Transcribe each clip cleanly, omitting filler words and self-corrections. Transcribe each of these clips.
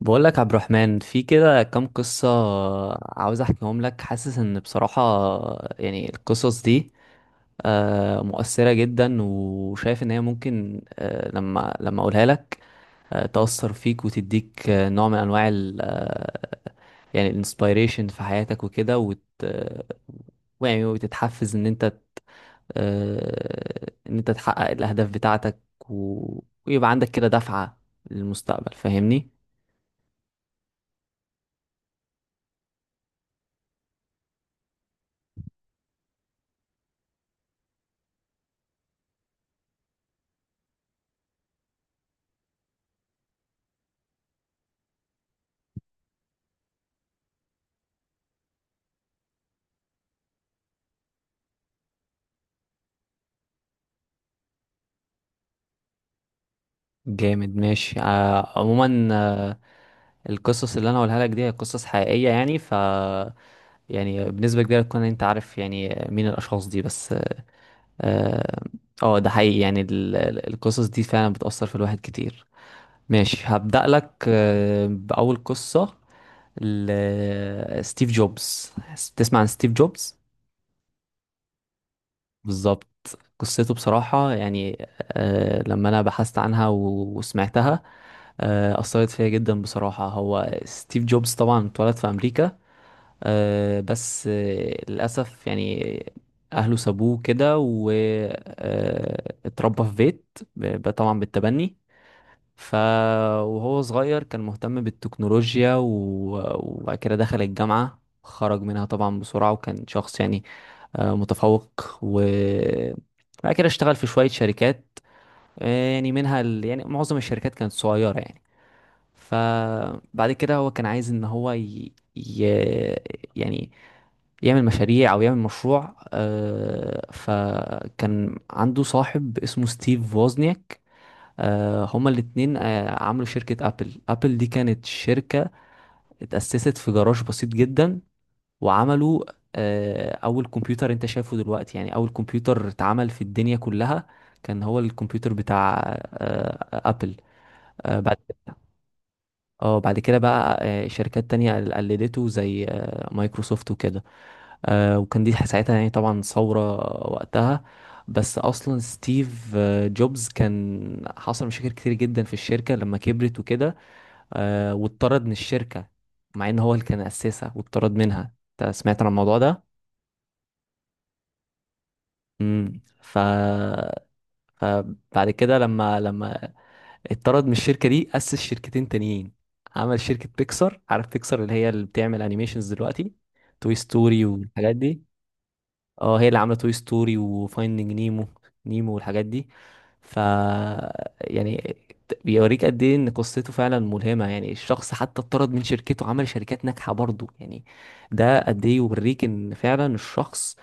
بقول لك عبد الرحمن في كده كام قصة، عاوز احكيهم لك. حاسس ان بصراحة يعني القصص دي مؤثرة جدا، وشايف ان هي ممكن لما اقولها لك تأثر فيك، وتديك نوع من انواع ال آه، يعني الانسبيريشن في حياتك وكده، وت آه، ويعني وتتحفز ان انت ان انت تحقق الاهداف بتاعتك و... ويبقى عندك كده دفعة للمستقبل، فاهمني؟ جامد، ماشي. عموما القصص اللي انا هقولها لك دي هي قصص حقيقية. يعني يعني بنسبة كبيرة تكون انت عارف يعني مين الاشخاص دي، بس اه ده حقيقي. يعني القصص دي فعلا بتأثر في الواحد كتير. ماشي، هبدأ لك بأول قصة ستيف جوبز. تسمع عن ستيف جوبز؟ بالظبط. قصته بصراحة يعني لما أنا بحثت عنها وسمعتها أثرت فيا جدا بصراحة. هو ستيف جوبز طبعا اتولد في أمريكا بس للأسف يعني أهله سابوه كده، واتربى في بيت طبعا بالتبني. ف وهو صغير كان مهتم بالتكنولوجيا وبعد كده دخل الجامعة، خرج منها طبعا بسرعة، وكان شخص يعني متفوق. وبعد كده اشتغل في شوية شركات يعني منها يعني معظم الشركات كانت صغيرة يعني. فبعد كده هو كان عايز ان هو يعني يعمل مشاريع او يعمل مشروع فكان عنده صاحب اسمه ستيف ووزنياك. هما الاتنين عملوا شركة أبل. أبل دي كانت شركة اتأسست في جراج بسيط جدا. وعملوا اول كمبيوتر انت شايفه دلوقتي، يعني اول كمبيوتر اتعمل في الدنيا كلها كان هو الكمبيوتر بتاع ابل. آه، بعد اه بعد كده بقى شركات تانية قلدته زي مايكروسوفت وكده. وكان دي ساعتها يعني طبعا ثورة وقتها. بس اصلا ستيف جوبز كان حصل مشاكل كتير جدا في الشركة لما كبرت وكده، واتطرد من الشركة، مع ان هو اللي كان اسسها واتطرد منها. انت سمعت عن الموضوع ده؟ امم ف... فبعد كده لما اتطرد من الشركه دي، اسس شركتين تانيين. عمل شركه بيكسار. عارف بيكسار اللي هي اللي بتعمل انيميشنز دلوقتي؟ توي ستوري والحاجات دي. اه، هي اللي عامله توي ستوري وفايندينج نيمو. نيمو والحاجات دي. ف يعني بيوريك قد ايه ان قصته فعلا ملهمه، يعني الشخص حتى اتطرد من شركته، عمل شركات ناجحه برضه يعني. ده قد ايه يوريك ان فعلا الشخص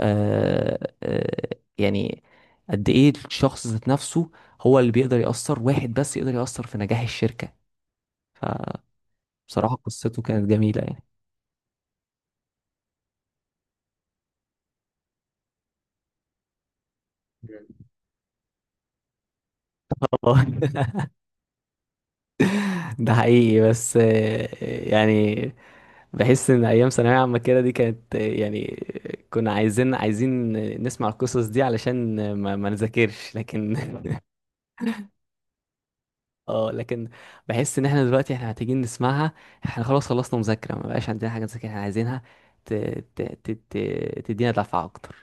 آه آه يعني قد ايه الشخص ذات نفسه هو اللي بيقدر يأثر. واحد بس يقدر يأثر في نجاح الشركة. بصراحة قصته كانت جميلة يعني. والله. ده حقيقي. بس يعني بحس ان ايام ثانويه عامه كده دي كانت يعني كنا عايزين نسمع القصص دي علشان ما نذاكرش، لكن اه. لكن بحس ان احنا دلوقتي احنا محتاجين نسمعها. احنا خلاص خلصنا مذاكرة، ما بقاش عندنا حاجة نذاكر. احنا عايزينها ت... ت... ت... ت... تدينا دفعة اكتر.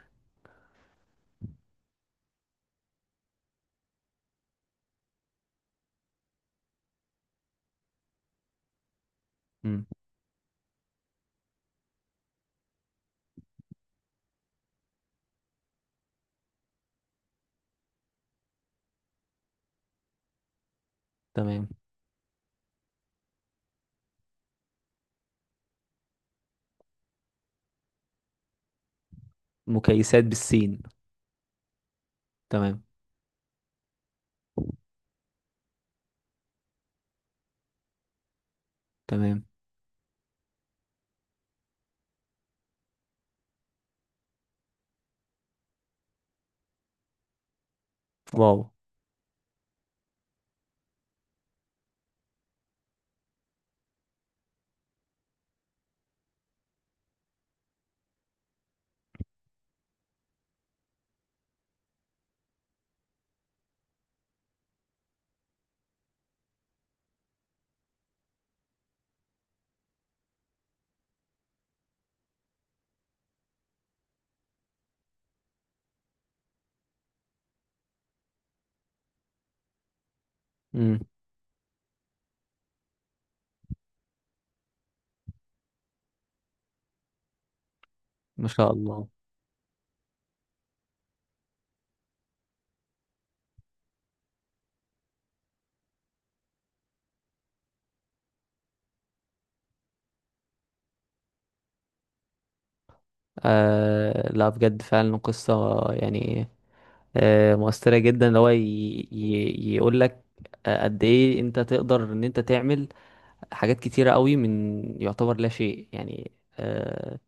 امم. تمام. مكيسات بالسين؟ تمام. تمام. واو. امم. ما شاء الله. لا، بجد فعلا قصة يعني مؤثرة جدا، اللي هو يقول لك قد ايه انت تقدر ان انت تعمل حاجات كتيرة قوي من يعتبر لا شيء يعني. آه،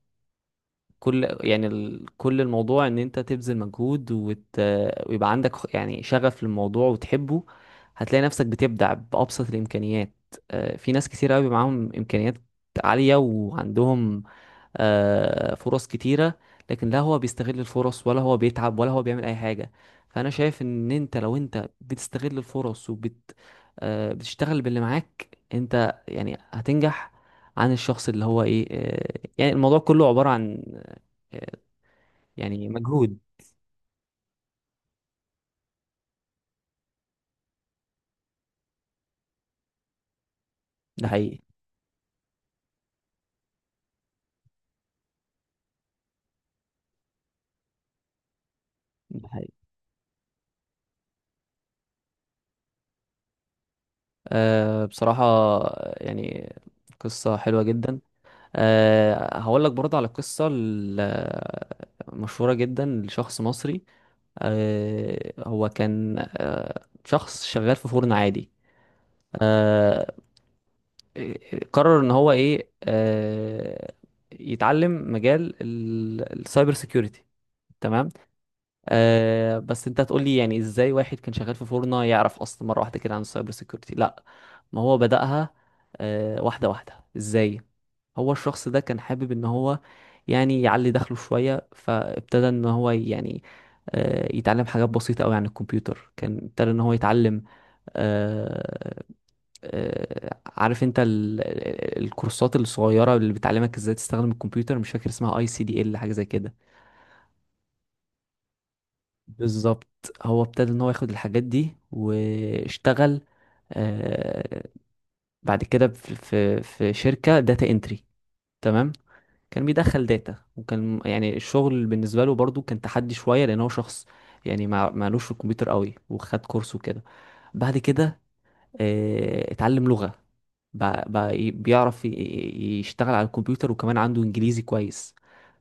كل يعني كل الموضوع ان انت تبذل مجهود ويبقى عندك يعني شغف للموضوع وتحبه. هتلاقي نفسك بتبدع بأبسط الإمكانيات. في ناس كتير قوي معاهم إمكانيات عالية، وعندهم فرص كتيرة، لكن لا هو بيستغل الفرص، ولا هو بيتعب، ولا هو بيعمل أي حاجة. فأنا شايف إن أنت لو أنت بتستغل الفرص وبت آه، بتشتغل باللي معاك أنت، يعني هتنجح عن الشخص اللي هو إيه. يعني الموضوع كله عبارة عن يعني مجهود. ده حقيقي. ده حقيقي. أه بصراحة يعني قصة حلوة جدا. أه هقول لك برضه على القصة المشهورة جدا لشخص مصري. أه هو كان أه شخص شغال في فرن عادي. أه قرر ان هو ايه، أه يتعلم مجال السايبر سيكيورتي. تمام. بس انت هتقول لي يعني ازاي واحد كان شغال في فورنا يعرف اصلا مره واحده كده عن السايبر سيكيورتي؟ لا، ما هو بدأها واحده واحده. ازاي؟ هو الشخص ده كان حابب ان هو يعني يعلي دخله شويه، فابتدى ان هو يعني يتعلم حاجات بسيطه قوي عن الكمبيوتر. كان ابتدى ان هو يتعلم آه عارف انت الكورسات الصغيره اللي بتعلمك ازاي تستخدم الكمبيوتر؟ مش فاكر اسمها ICDL، حاجه زي كده. بالظبط. هو ابتدى ان هو ياخد الحاجات دي واشتغل آه بعد كده في شركة داتا انتري. تمام. كان بيدخل داتا، وكان يعني الشغل بالنسبة له برضو كان تحدي شوية لان هو شخص يعني ما معلوش في الكمبيوتر قوي، وخد كورس وكده. بعد كده اتعلم لغة. بقى بيعرف يشتغل على الكمبيوتر، وكمان عنده انجليزي كويس.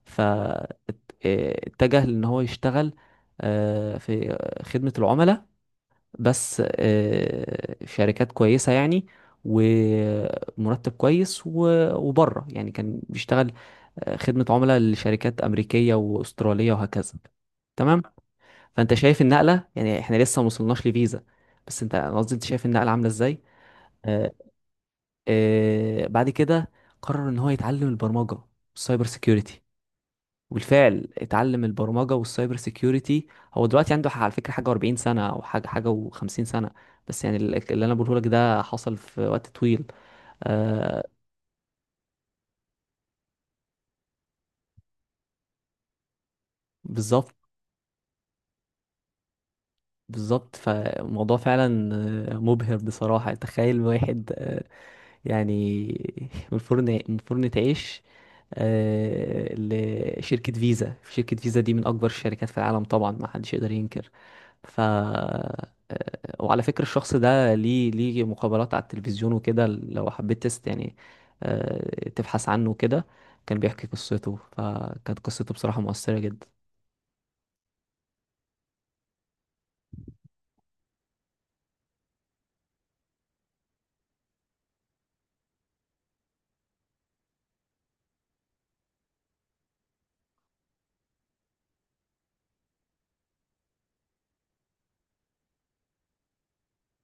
ف ات- آه، اتجه لان هو يشتغل في خدمة العملاء، بس في شركات كويسة يعني، ومرتب كويس وبره يعني كان بيشتغل خدمة عملاء لشركات أمريكية وأسترالية وهكذا. تمام. فأنت شايف النقلة؟ يعني احنا لسه ما وصلناش لفيزا، بس انت أنا قصدي انت شايف النقلة عاملة ازاي. آه، بعد كده قرر ان هو يتعلم البرمجة والسايبر سيكيورتي. وبالفعل اتعلم البرمجة والسايبر سيكيورتي. هو دلوقتي عنده على فكرة حاجة و40 سنة او حاجة و50 سنة. بس يعني اللي انا بقوله لك ده حصل في وقت طويل. آه. بالظبط. بالظبط. فالموضوع فعلا مبهر بصراحة. تخيل واحد يعني من فرن، من فرن تعيش لشركة فيزا. شركة فيزا دي من أكبر الشركات في العالم طبعا، ما حدش يقدر ينكر. ف آه، وعلى فكرة الشخص ده ليه مقابلات على التلفزيون وكده، لو حبيت تست يعني تبحث عنه كده، كان بيحكي قصته، فكانت قصته بصراحة مؤثرة جدا.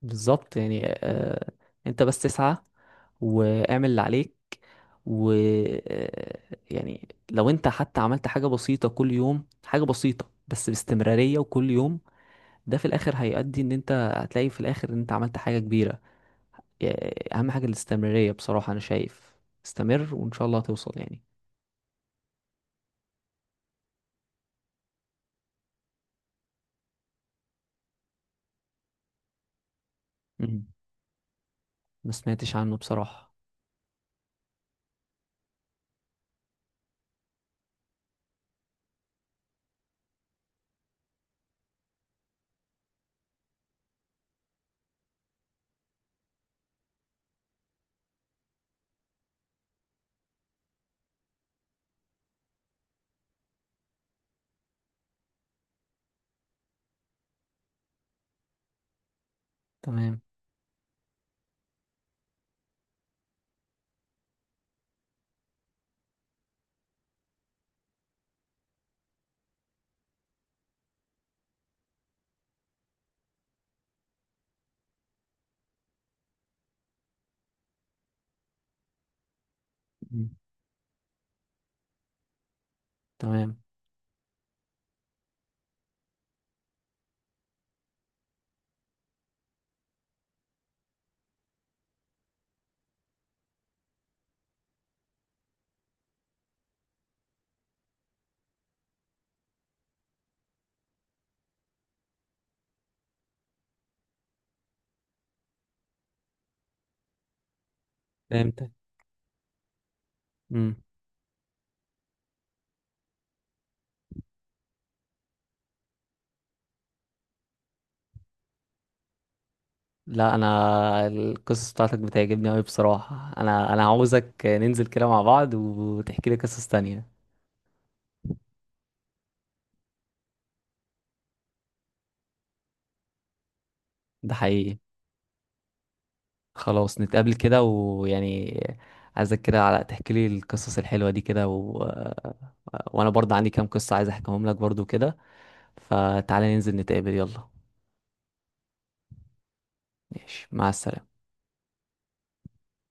بالظبط. يعني انت بس تسعى واعمل اللي عليك و آه، يعني لو انت حتى عملت حاجة بسيطة كل يوم، حاجة بسيطة بس باستمرارية، وكل يوم ده في الاخر هيؤدي ان انت هتلاقي في الاخر ان انت عملت حاجة كبيرة. اهم حاجة الاستمرارية. بصراحة انا شايف استمر وان شاء الله هتوصل يعني. مم. ما سمعتش عنه بصراحة. تمام. مم. تمام. فهمتك. امم. لا، انا القصص بتاعتك بتعجبني قوي بصراحة. انا انا عاوزك ننزل كده مع بعض وتحكي لي قصص تانية. ده حقيقي. خلاص، نتقابل كده ويعني عايزك كده على تحكي لي القصص الحلوة دي كده وانا برضه عندي كام قصة عايز احكيهم لك برضه كده. فتعالى ننزل نتقابل. يلا. ماشي، مع السلامة.